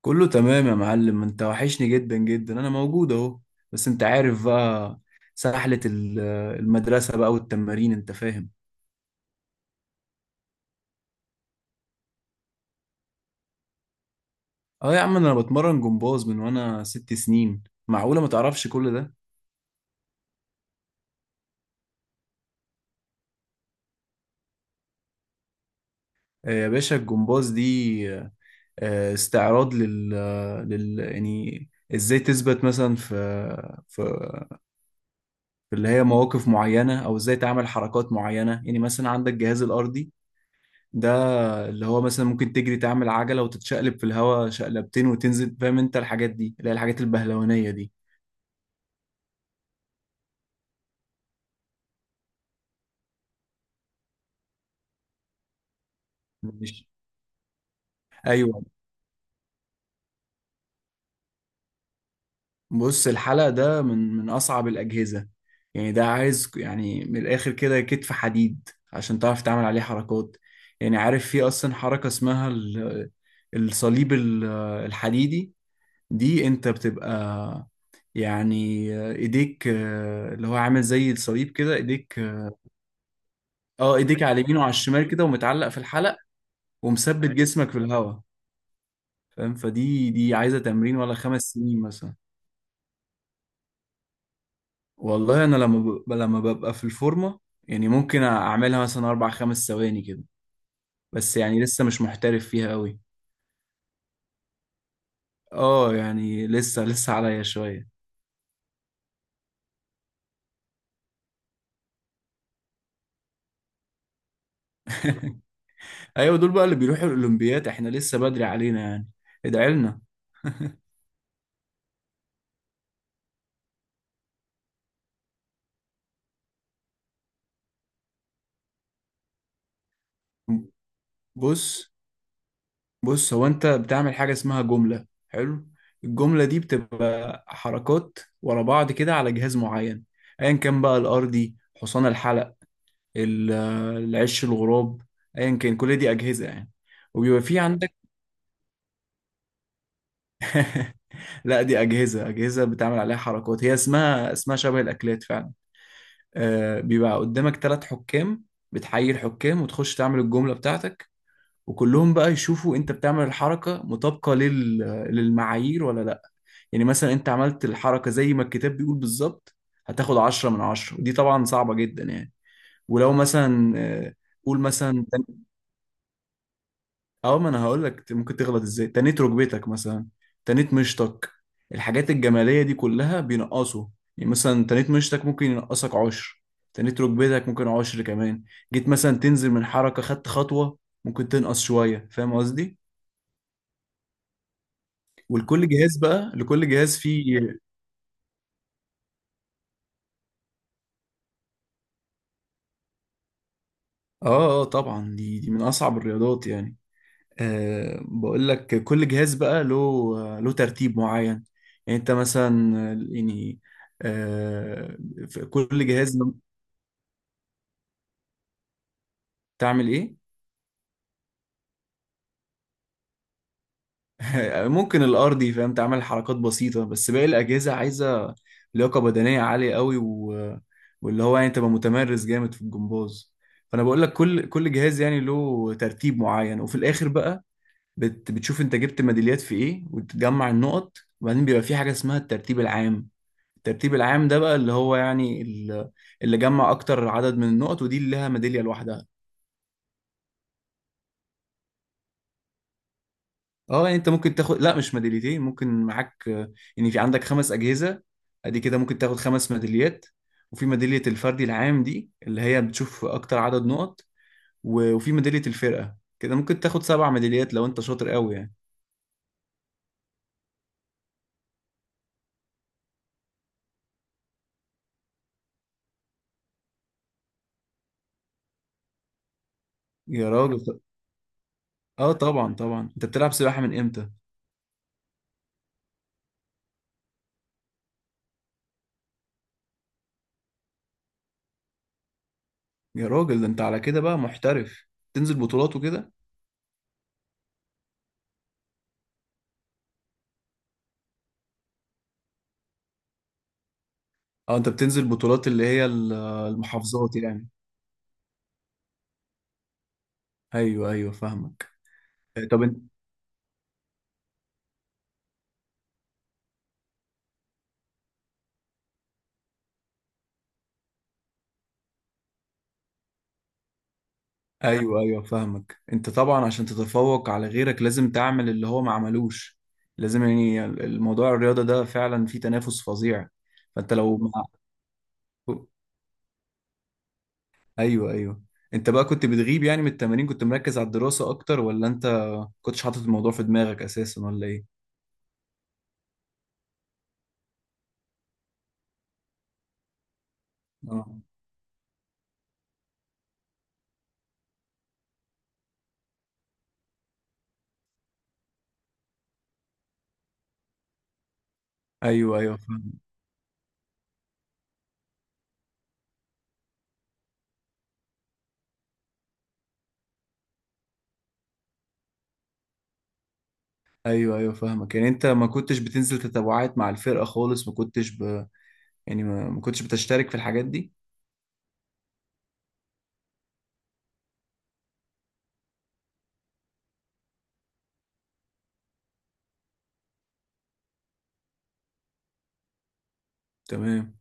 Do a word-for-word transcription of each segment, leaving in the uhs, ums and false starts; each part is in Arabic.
كله تمام يا معلم، انت وحشني جدا جدا. انا موجود اهو. بس انت عارف بقى، سحلة ال- المدرسة بقى والتمارين، انت فاهم. اه يا عم، انا بتمرن جمباز من وانا ست سنين. معقولة ما تعرفش كل ده؟ آه يا باشا، الجمباز دي آه استعراض لل, لل... يعني ازاي تثبت مثلا في في في اللي هي مواقف معينة، او ازاي تعمل حركات معينة. يعني مثلا عندك الجهاز الارضي ده، اللي هو مثلا ممكن تجري تعمل عجلة وتتشقلب في الهواء شقلبتين وتنزل. فاهم انت الحاجات دي، اللي هي الحاجات البهلوانية دي. مش. ايوه. بص، الحلق ده من من اصعب الاجهزة. يعني ده عايز يعني من الاخر كده كتف حديد عشان تعرف تعمل عليه حركات. يعني عارف، في اصلا حركة اسمها ال- الصليب ال- الحديدي. دي انت بتبقى يعني ايديك آه، اللي هو عامل زي الصليب كده ايديك. اه، ايديك على اليمين وعلى الشمال كده ومتعلق في الحلق. ومثبت جسمك في الهواء. فاهم؟ فدي دي عايزة تمرين ولا خمس سنين مثلا. والله انا لما ببقى لما ببقى في الفورمة، يعني ممكن اعملها مثلا اربع خمس ثواني كده. بس يعني لسه مش محترف فيها قوي. اه، يعني لسه لسه عليا شوية. ايوه، دول بقى اللي بيروحوا الاولمبياد، احنا لسه بدري علينا يعني. ادعي لنا. بص بص هو انت بتعمل حاجة اسمها جملة حلو. الجملة دي بتبقى حركات ورا بعض كده على جهاز معين. ايا كان بقى، الارضي، حصان الحلق، ال- العش، الغراب، ايا كان، كل دي اجهزه يعني. وبيبقى في عندك. لا، دي اجهزه اجهزه بتعمل عليها حركات، هي اسمها اسمها شبه الاكلات فعلا. آه، بيبقى قدامك ثلاث حكام. بتحيي الحكام وتخش تعمل الجمله بتاعتك، وكلهم بقى يشوفوا انت بتعمل الحركه مطابقه لل... للمعايير ولا لا. يعني مثلا انت عملت الحركه زي ما الكتاب بيقول بالظبط، هتاخد عشرة من عشرة. ودي طبعا صعبة جدا يعني. ولو مثلا آه، قول مثلا، اه ما انا هقول لك ممكن تغلط ازاي. تنيت ركبتك مثلا، تنيت مشطك، الحاجات الجماليه دي كلها بينقصوا. يعني مثلا تنيت مشطك ممكن ينقصك عشر، تنيت ركبتك ممكن عشر كمان. جيت مثلا تنزل من حركه خدت خطوه، ممكن تنقص شويه. فاهم قصدي؟ ولكل جهاز بقى لكل جهاز فيه. اه اه طبعا، دي دي من اصعب الرياضات يعني. أه بقول لك، كل جهاز بقى له له ترتيب معين. يعني انت مثلا، يعني أه في كل جهاز تعمل ايه؟ ممكن الارضي، فاهم، تعمل حركات بسيطة. بس باقي الاجهزة عايزة لياقة بدنية عالية قوي و... واللي هو يعني تبقى متمرس جامد في الجمباز. فانا بقول لك كل كل جهاز يعني له ترتيب معين، وفي الاخر بقى بت... بتشوف انت جبت ميداليات في ايه، وتجمع النقط. وبعدين بيبقى في حاجة اسمها الترتيب العام. الترتيب العام ده بقى اللي هو يعني ال- اللي جمع اكتر عدد من النقط، ودي اللي لها ميداليه لوحدها. اه يعني انت ممكن تاخد، لا مش ميداليتين، ممكن معاك آه، يعني في عندك خمس اجهزه، ادي كده ممكن تاخد خمس ميداليات. وفي ميداليه الفردي العام دي، اللي هي بتشوف اكتر عدد نقط. و- وفي ميداليه الفرقه كده ممكن تاخد سبع ميداليات لو انت شاطر قوي يعني. يا راجل، اه طبعا طبعا، انت بتلعب سباحه من امتى؟ يا راجل، ده انت على كده بقى محترف، تنزل بطولات وكده. اه انت بتنزل بطولات اللي هي ال- المحافظات يعني. ايوه ايوه فاهمك. آه، طب انت. ايوه ايوه فاهمك، انت طبعا عشان تتفوق على غيرك لازم تعمل اللي هو ما عملوش. لازم يعني، الموضوع الرياضة ده فعلا فيه تنافس فظيع. فانت لو مع... ايوه ايوه. انت بقى كنت بتغيب يعني من التمارين؟ كنت مركز على الدراسة اكتر، ولا انت كنتش حاطط الموضوع في دماغك اساسا، ولا ايه؟ اه ايوه ايوه فاهم. ايوه ايوه فاهمك، يعني انت ما كنتش بتنزل تتابعات مع الفرقة خالص؟ ما كنتش ب... يعني ما ما كنتش بتشترك في الحاجات دي. تمام.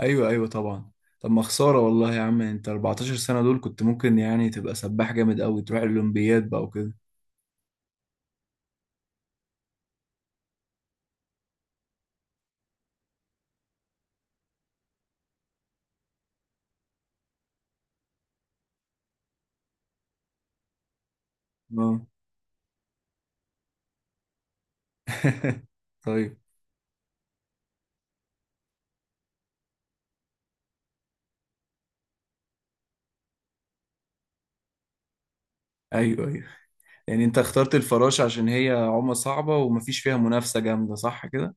ايوه ايوه طبعا. طب ما خساره والله يا عم، انت اربع عشرة سنة سنه دول كنت ممكن يعني تبقى سباح جامد قوي، تروح الاولمبياد بقى وكده. اه. طيب. ايوه ايوه، يعني انت اخترت الفراشه عشان هي عومه صعبه ومفيش فيها منافسه جامده، صح كده؟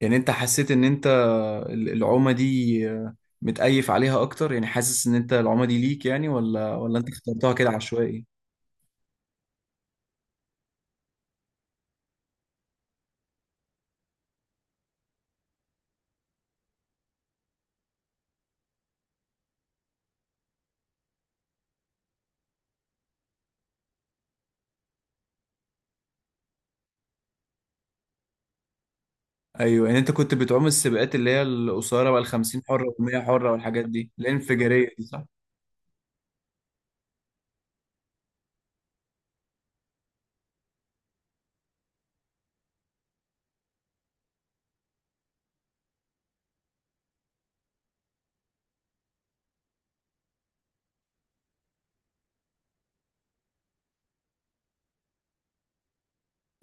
يعني انت حسيت ان انت ال- العومه دي متأيف عليها اكتر؟ يعني حاسس ان انت العومه دي ليك يعني، ولا ولا انت اخترتها كده عشوائي؟ ايوه، يعني انت كنت بتعوم السباقات اللي هي القصيره بقى، ال خمسين حره وال مية حره والحاجات دي الانفجاريه دي، صح؟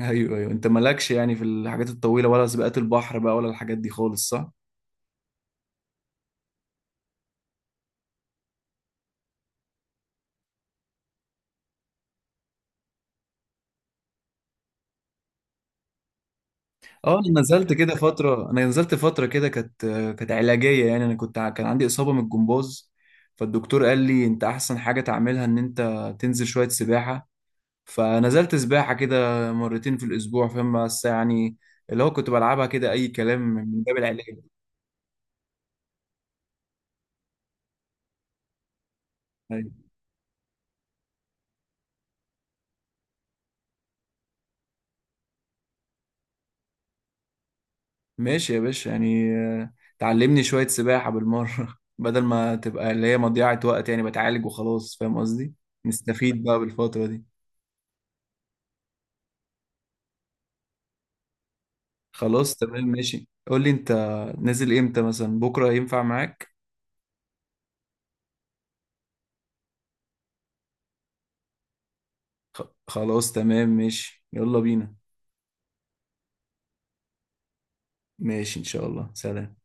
ايوه ايوه، انت مالكش يعني في الحاجات الطويله ولا سباقات البحر بقى ولا الحاجات دي خالص، صح؟ اه، انا نزلت كده فتره انا نزلت فتره كده، كانت كانت علاجيه يعني. انا كنت ع- كان عندي اصابه من الجمباز. فالدكتور قال لي انت احسن حاجه تعملها ان انت تنزل شويه سباحه. فنزلت سباحه كده مرتين في الاسبوع، فاهم. بس يعني اللي هو كنت بلعبها كده اي كلام من باب العلاج. ماشي يا باشا، يعني آه، تعلمني شوية سباحة بالمرة بدل ما تبقى اللي هي مضيعة وقت، يعني بتعالج وخلاص، فاهم قصدي. نستفيد بقى بالفترة دي. خلاص تمام ماشي، قول لي انت نازل امتى مثلا، بكرة ينفع معاك؟ خ- خلاص تمام ماشي، يلا بينا. ماشي ان شاء الله، سلام.